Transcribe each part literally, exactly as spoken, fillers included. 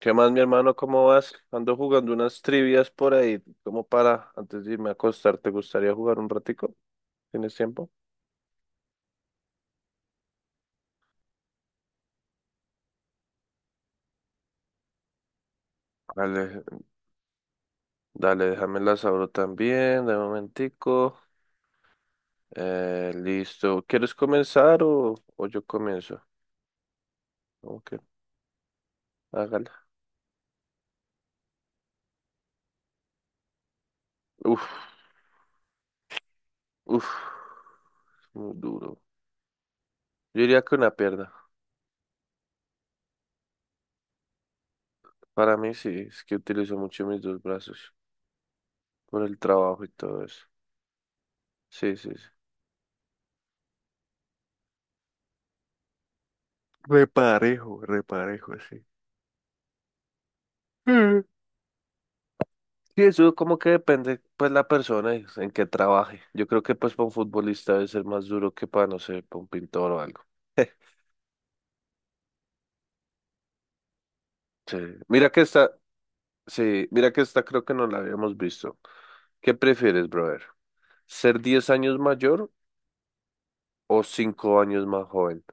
¿Qué más, mi hermano? ¿Cómo vas? Ando jugando unas trivias por ahí. ¿Cómo para? Antes de irme a acostar, ¿te gustaría jugar un ratico? ¿Tienes tiempo? Dale, dale, déjame las abro también, de momentico. Eh, listo. ¿Quieres comenzar o, o yo comienzo? Ok, hágala. Uf, uf, muy duro. Yo diría que una pierna. Para mí sí, es que utilizo mucho mis dos brazos por el trabajo y todo eso. Sí, sí, sí. Reparejo, reparejo, sí. Sí, eso como que depende, pues, la persona y en que trabaje. Yo creo que, pues, para un futbolista debe ser más duro que para, no sé, para un pintor o algo. Sí. Mira que esta, sí, mira que esta creo que no la habíamos visto. ¿Qué prefieres, brother? ¿Ser diez años mayor o cinco años más joven?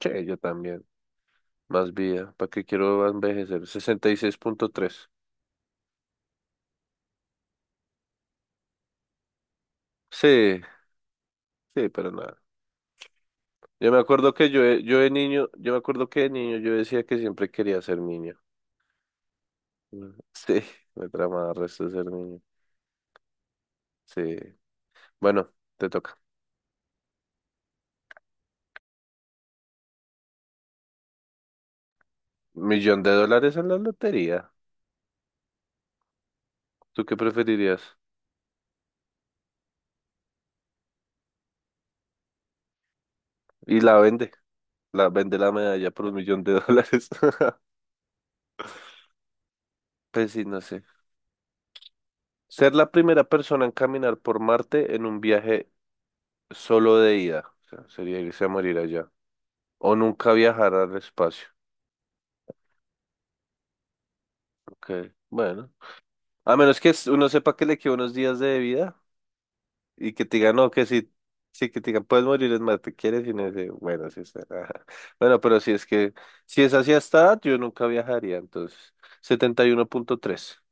Che, yo también. Más vida. ¿Para qué quiero envejecer? Sesenta y seis punto tres. Sí, sí, pero nada. Yo me acuerdo que yo, de- yo de niño, yo me acuerdo que de niño yo decía que siempre quería ser niño. Mm, sí, me trama el resto de ser niño. Sí. Bueno, te toca. Millón de dólares en la lotería. ¿Tú qué preferirías? Y la vende. La vende la medalla por un millón de dólares. Pues sí, no sé. Ser la primera persona en caminar por Marte en un viaje solo de ida. O sea, sería irse a morir allá. O nunca viajar al espacio. Ok, bueno. A menos que uno sepa que le quedan unos días de vida. Y que te diga, no, que si, sí, que te diga, puedes morir, es más, te quieres y no sé, bueno, sí está. Ajá. Bueno, pero si es que, si es así hasta edad, yo nunca viajaría, entonces, setenta y uno punto tres,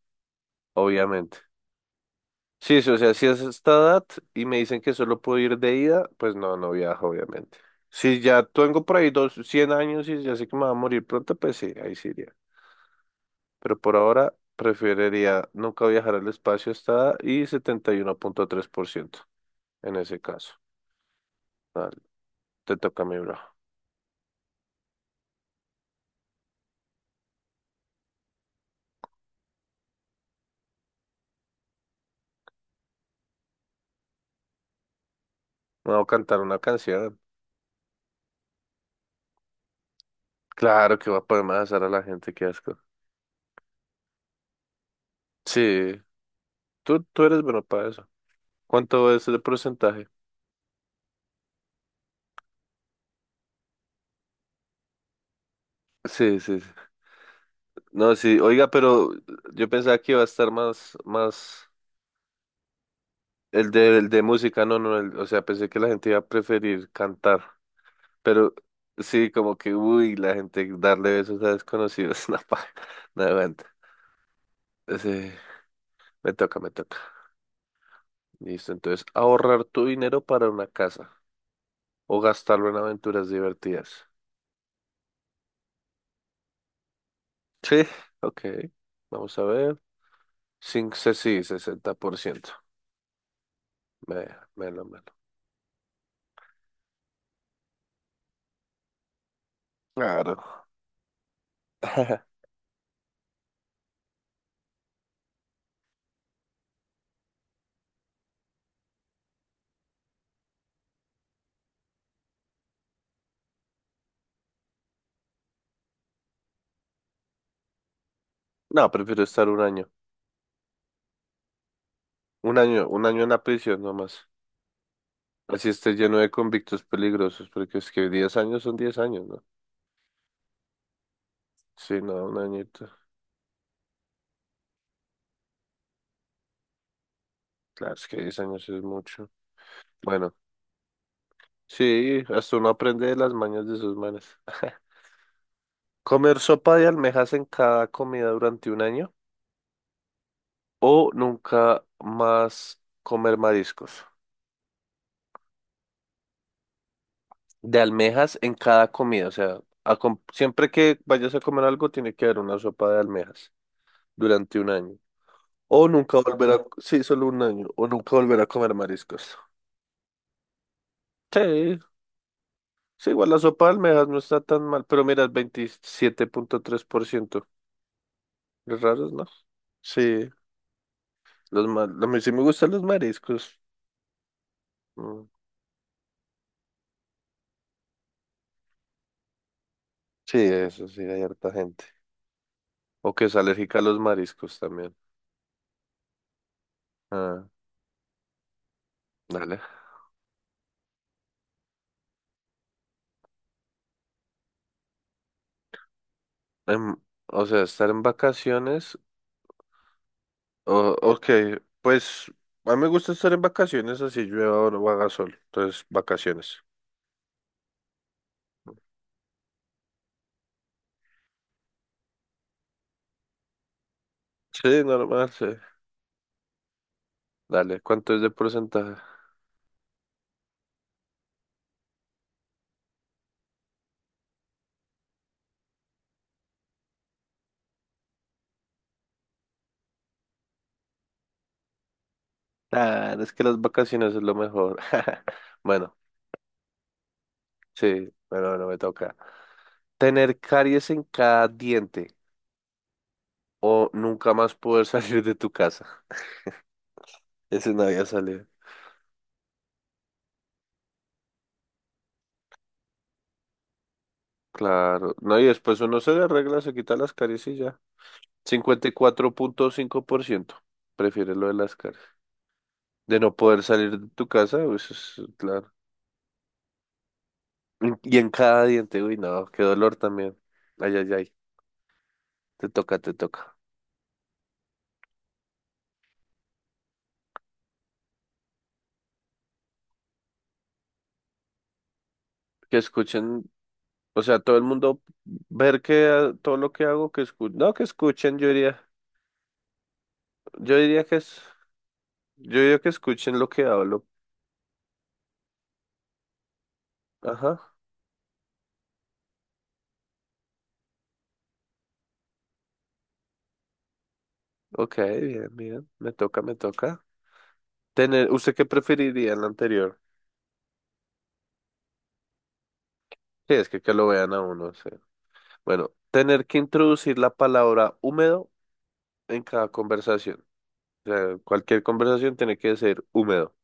obviamente. Sí, sí, o sea, si es esta edad y me dicen que solo puedo ir de ida, pues no, no viajo, obviamente. Si ya tengo por ahí dos, cien años y ya sé que me va a morir pronto, pues sí, ahí sí iría. Pero por ahora preferiría nunca viajar al espacio hasta edad y uno punto tres por ciento en ese caso. Vale, te toca a mí, bro. Me voy a cantar una canción. Claro que va a poder hacer a la gente, qué asco. Sí, tú, tú eres bueno para eso. ¿Cuánto es el porcentaje? Sí, sí, sí. No, sí, oiga, pero yo pensaba que iba a estar más, más el de, el de música, no, no, el- o sea, pensé que la gente iba a preferir cantar, pero sí, como que, uy, la gente darle besos a desconocidos, no, pa, no aguanta. Sí, me toca, me toca. Listo, entonces, ahorrar tu dinero para una casa o gastarlo en aventuras divertidas. Sí, ok. Vamos a ver. Sin se- sí, sesenta por ciento. Me, melo, melo. Claro. No, prefiero estar un año. Un año, un año en la prisión nomás. Así esté lleno de convictos peligrosos, porque es que diez años son diez años, ¿no? Sí, no, un añito. Claro, es que diez años es mucho. Bueno, sí, hasta uno aprende de las mañas de sus manes. ¿Comer sopa de almejas en cada comida durante un año o nunca más comer mariscos? De almejas en cada comida. O sea, acom- siempre que vayas a comer algo, tiene que haber una sopa de almejas durante un año. O nunca volver a, sí, solo un año, o nunca volver a comer mariscos. Sí, sí, igual la sopa de almejas no está tan mal, pero mira, el veintisiete punto tres por ciento. Es raro, ¿no? Sí, los ma- a mí sí me gustan los mariscos. Mm, sí, eso sí, hay harta gente. O que es alérgica a los mariscos también. Ah, dale. Em, o sea, estar en vacaciones. Oh, ok, pues a mí me gusta estar en vacaciones, así llueva o no haga sol. Entonces, vacaciones. Sí, normal, sí. Dale, ¿cuánto es de porcentaje? Claro, es que las vacaciones es lo mejor. Bueno, sí, bueno, bueno, me toca. Tener caries en cada diente o nunca más poder salir de tu casa. Ese no había salido. Claro, no, y después uno se le arregla, se quita las caries y ya. Cincuenta y cuatro punto cinco por ciento prefiere lo de las caries. De no poder salir de tu casa, pues eso es claro. Y en cada diente, uy, no, qué dolor también. Ay, ay, ay, te toca, te toca. Que escuchen, o sea, todo el mundo ver que ah, todo lo que hago, que escuchen, no, que escuchen, yo diría, yo diría que es, yo diría que escuchen lo que hablo. Ajá, ok, bien, bien, me toca, me toca. Tener, ¿usted qué preferiría en la anterior? Sí, es que que lo vean a uno, sí. Bueno, tener que introducir la palabra húmedo en cada conversación. O sea, cualquier conversación tiene que ser húmedo.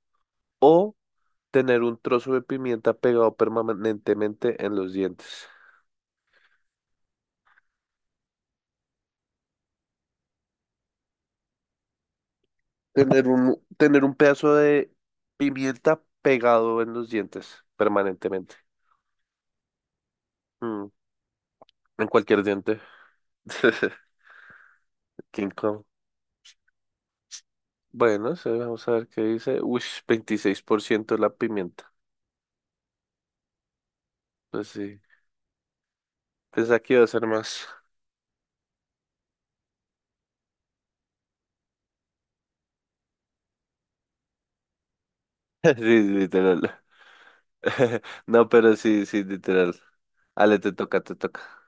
O tener un trozo de pimienta pegado permanentemente en los dientes. Tener un, tener un pedazo de pimienta pegado en los dientes permanentemente. Mm, en cualquier diente. Qué incómodo. Bueno, sí, vamos a ver qué dice. Uy, veintiséis por ciento la pimienta. Pues sí. Pensé que va a ser más. Sí, literal. No, pero sí, sí, literal. Ale, te toca, te toca.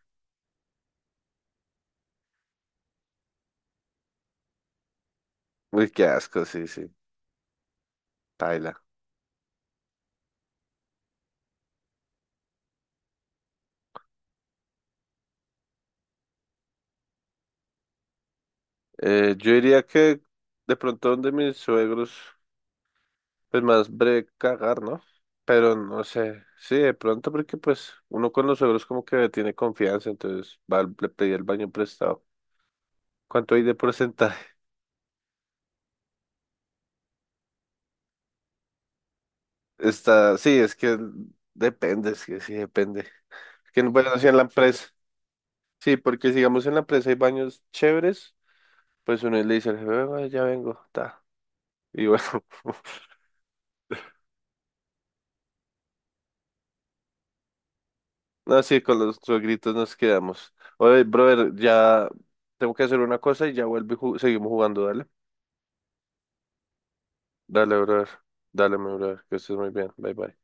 Uy, qué asco, sí, sí. Paila. Eh, yo diría que de pronto donde mis suegros, pues más breve cagar, ¿no? Pero no sé, sí, de pronto porque pues uno con los suegros como que tiene confianza, entonces va, al- le pedí el baño prestado. ¿Cuánto hay de porcentaje? Está, sí, es que depende, es que sí depende. Que bueno, si en la empresa, sí, porque sigamos en la empresa hay baños chéveres, pues uno le dice al jefe, "Ay, ya vengo, ta. Y bueno. No, sí, con los gritos nos quedamos. Oye, brother, ya tengo que hacer una cosa y ya vuelvo y ju- seguimos jugando, dale. Dale, brother. Dale, mi brother, que estés muy bien. Bye, bye.